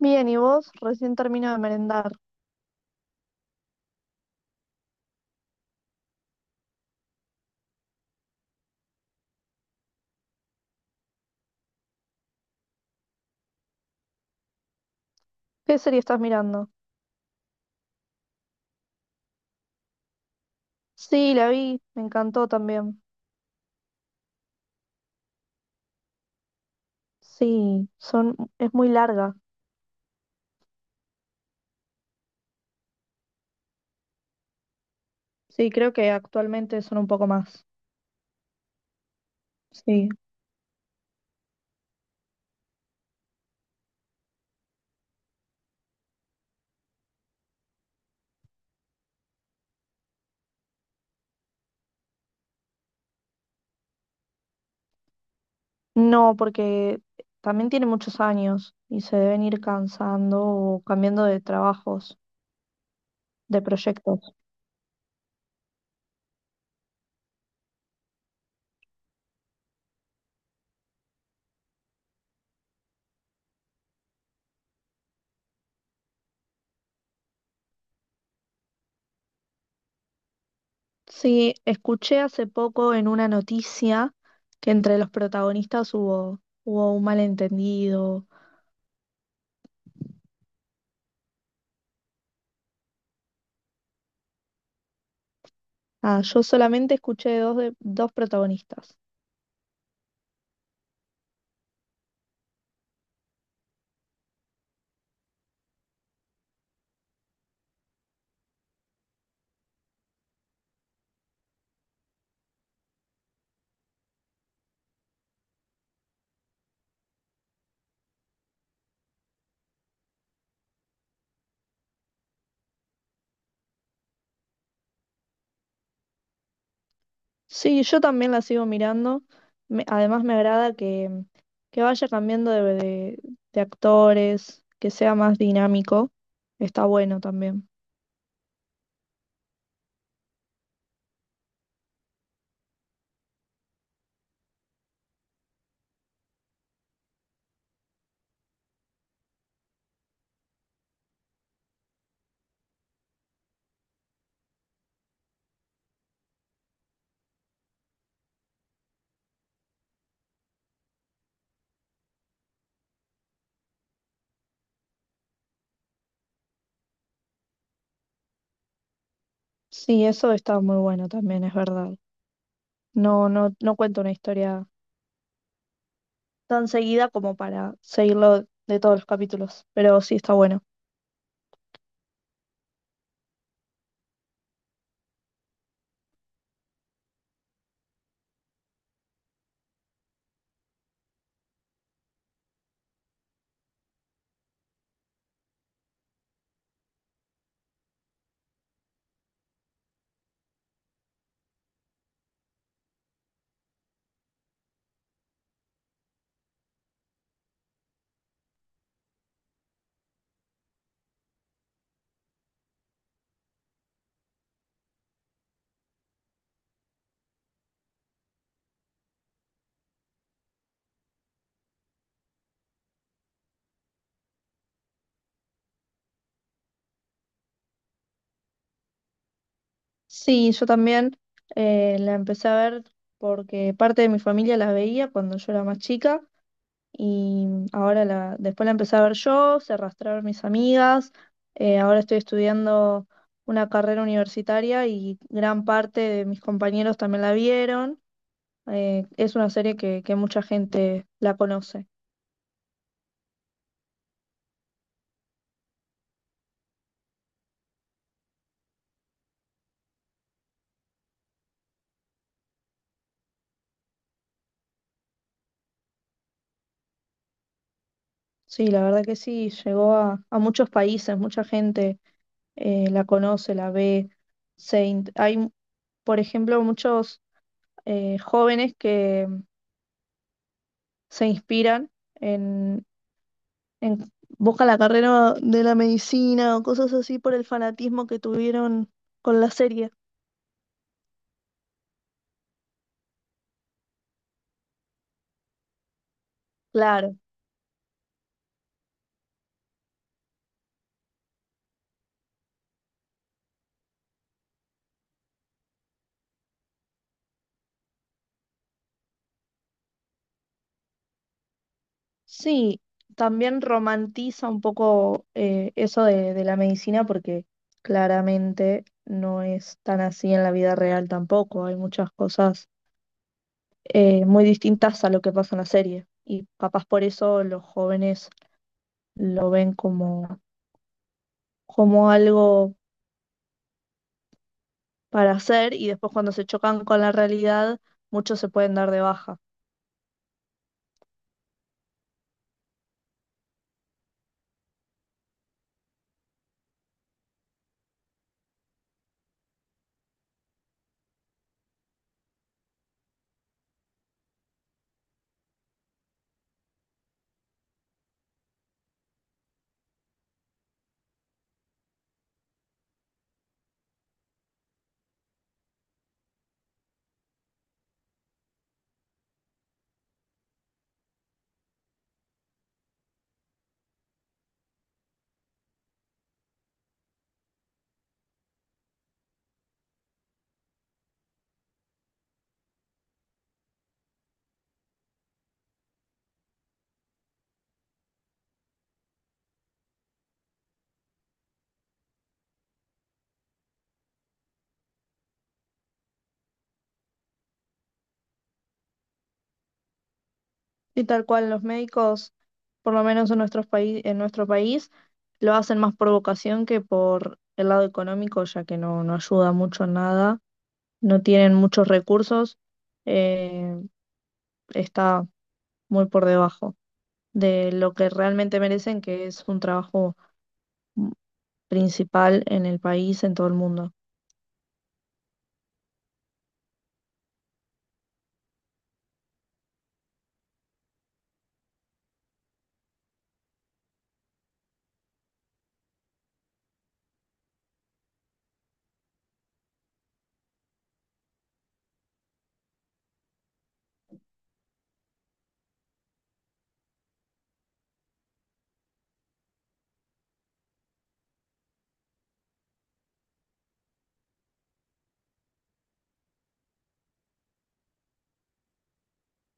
Bien, ¿y vos? Recién termino de merendar. ¿Qué serie estás mirando? Sí, la vi, me encantó también. Sí, son, es muy larga. Sí, creo que actualmente son un poco más. Sí. No, porque también tiene muchos años y se deben ir cansando o cambiando de trabajos, de proyectos. Sí, escuché hace poco en una noticia que entre los protagonistas hubo un malentendido. Ah, yo solamente escuché dos protagonistas. Sí, yo también la sigo mirando. Me- además me agrada que vaya cambiando de de actores, que sea más dinámico. Está bueno también. Sí, eso está muy bueno también, es verdad. No, no cuento una historia tan seguida como para seguirlo de todos los capítulos, pero sí está bueno. Sí, yo también la empecé a ver porque parte de mi familia la veía cuando yo era más chica. Y ahora la, después la empecé a ver yo, se arrastraron mis amigas, ahora estoy estudiando una carrera universitaria y gran parte de mis compañeros también la vieron. Es una serie que mucha gente la conoce. Sí, la verdad que sí, llegó a muchos países, mucha gente la conoce, la ve. Se in- hay, por ejemplo, muchos jóvenes que se inspiran en- buscan la carrera de la medicina o cosas así por el fanatismo que tuvieron con la serie. Claro, sí, también romantiza un poco eso de la medicina porque claramente no es tan así en la vida real tampoco. Hay muchas cosas muy distintas a lo que pasa en la serie y capaz por eso los jóvenes lo ven como, como algo para hacer y después cuando se chocan con la realidad, muchos se pueden dar de baja. Y tal cual los médicos, por lo menos en nuestros paí- en nuestro país, lo hacen más por vocación que por el lado económico, ya que no, no ayuda mucho en nada, no tienen muchos recursos, eh, está muy por debajo de lo que realmente merecen, que es un trabajo mm, principal en el país, en todo el mundo.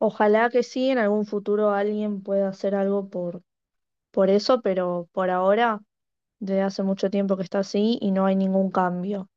Ojalá que sí, en algún futuro alguien pueda hacer algo por eso, pero por ahora, desde hace mucho tiempo que está así y no hay ningún cambio.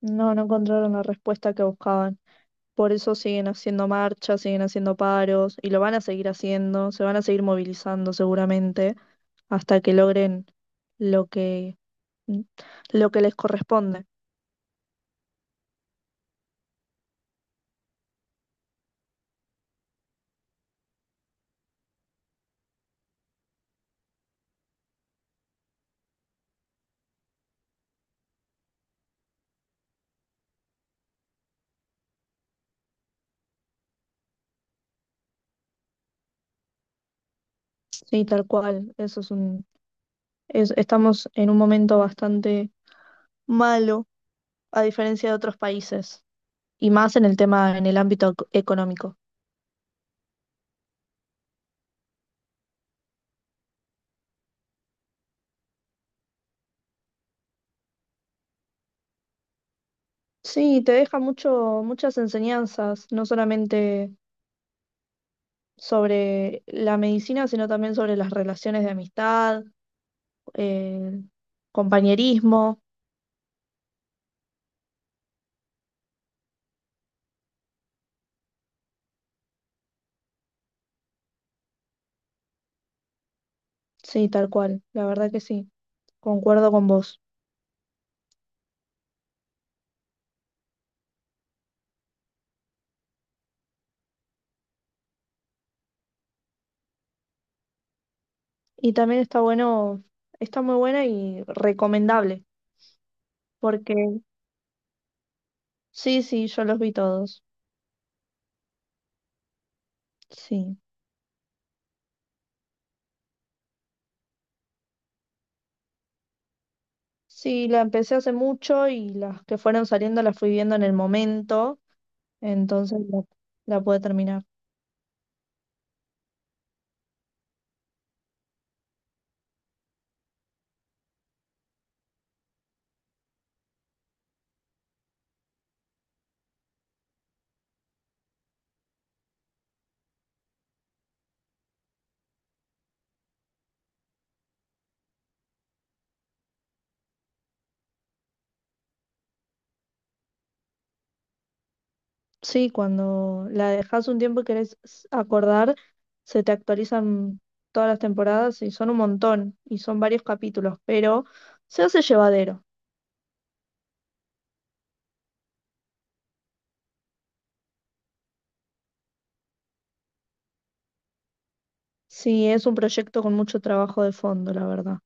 No, no encontraron la respuesta que buscaban. Por eso siguen haciendo marchas, siguen haciendo paros y lo van a seguir haciendo, se van a seguir movilizando seguramente hasta que logren lo que mm, lo que les corresponde. Sí, tal cual. Eso es un es- estamos en un momento bastante malo a diferencia de otros países y más en el tema en el ámbito ec- económico. Sí, te deja mucho muchas enseñanzas, no solamente sobre la medicina, sino también sobre las relaciones de amistad, eh, compañerismo. Sí, tal cual, la verdad que sí, concuerdo con vos. Y también está bueno, está muy buena y recomendable, porque sí, sí, yo los vi todos. Sí. Sí, la empecé hace mucho y las que fueron saliendo las fui viendo en el momento, entonces la pude terminar. Sí, cuando la dejas un tiempo y querés s- acordar, se te actualizan todas las temporadas y son un montón y son varios capítulos, pero se hace llevadero. Sí, es un proyecto con mucho trabajo de fondo, la verdad.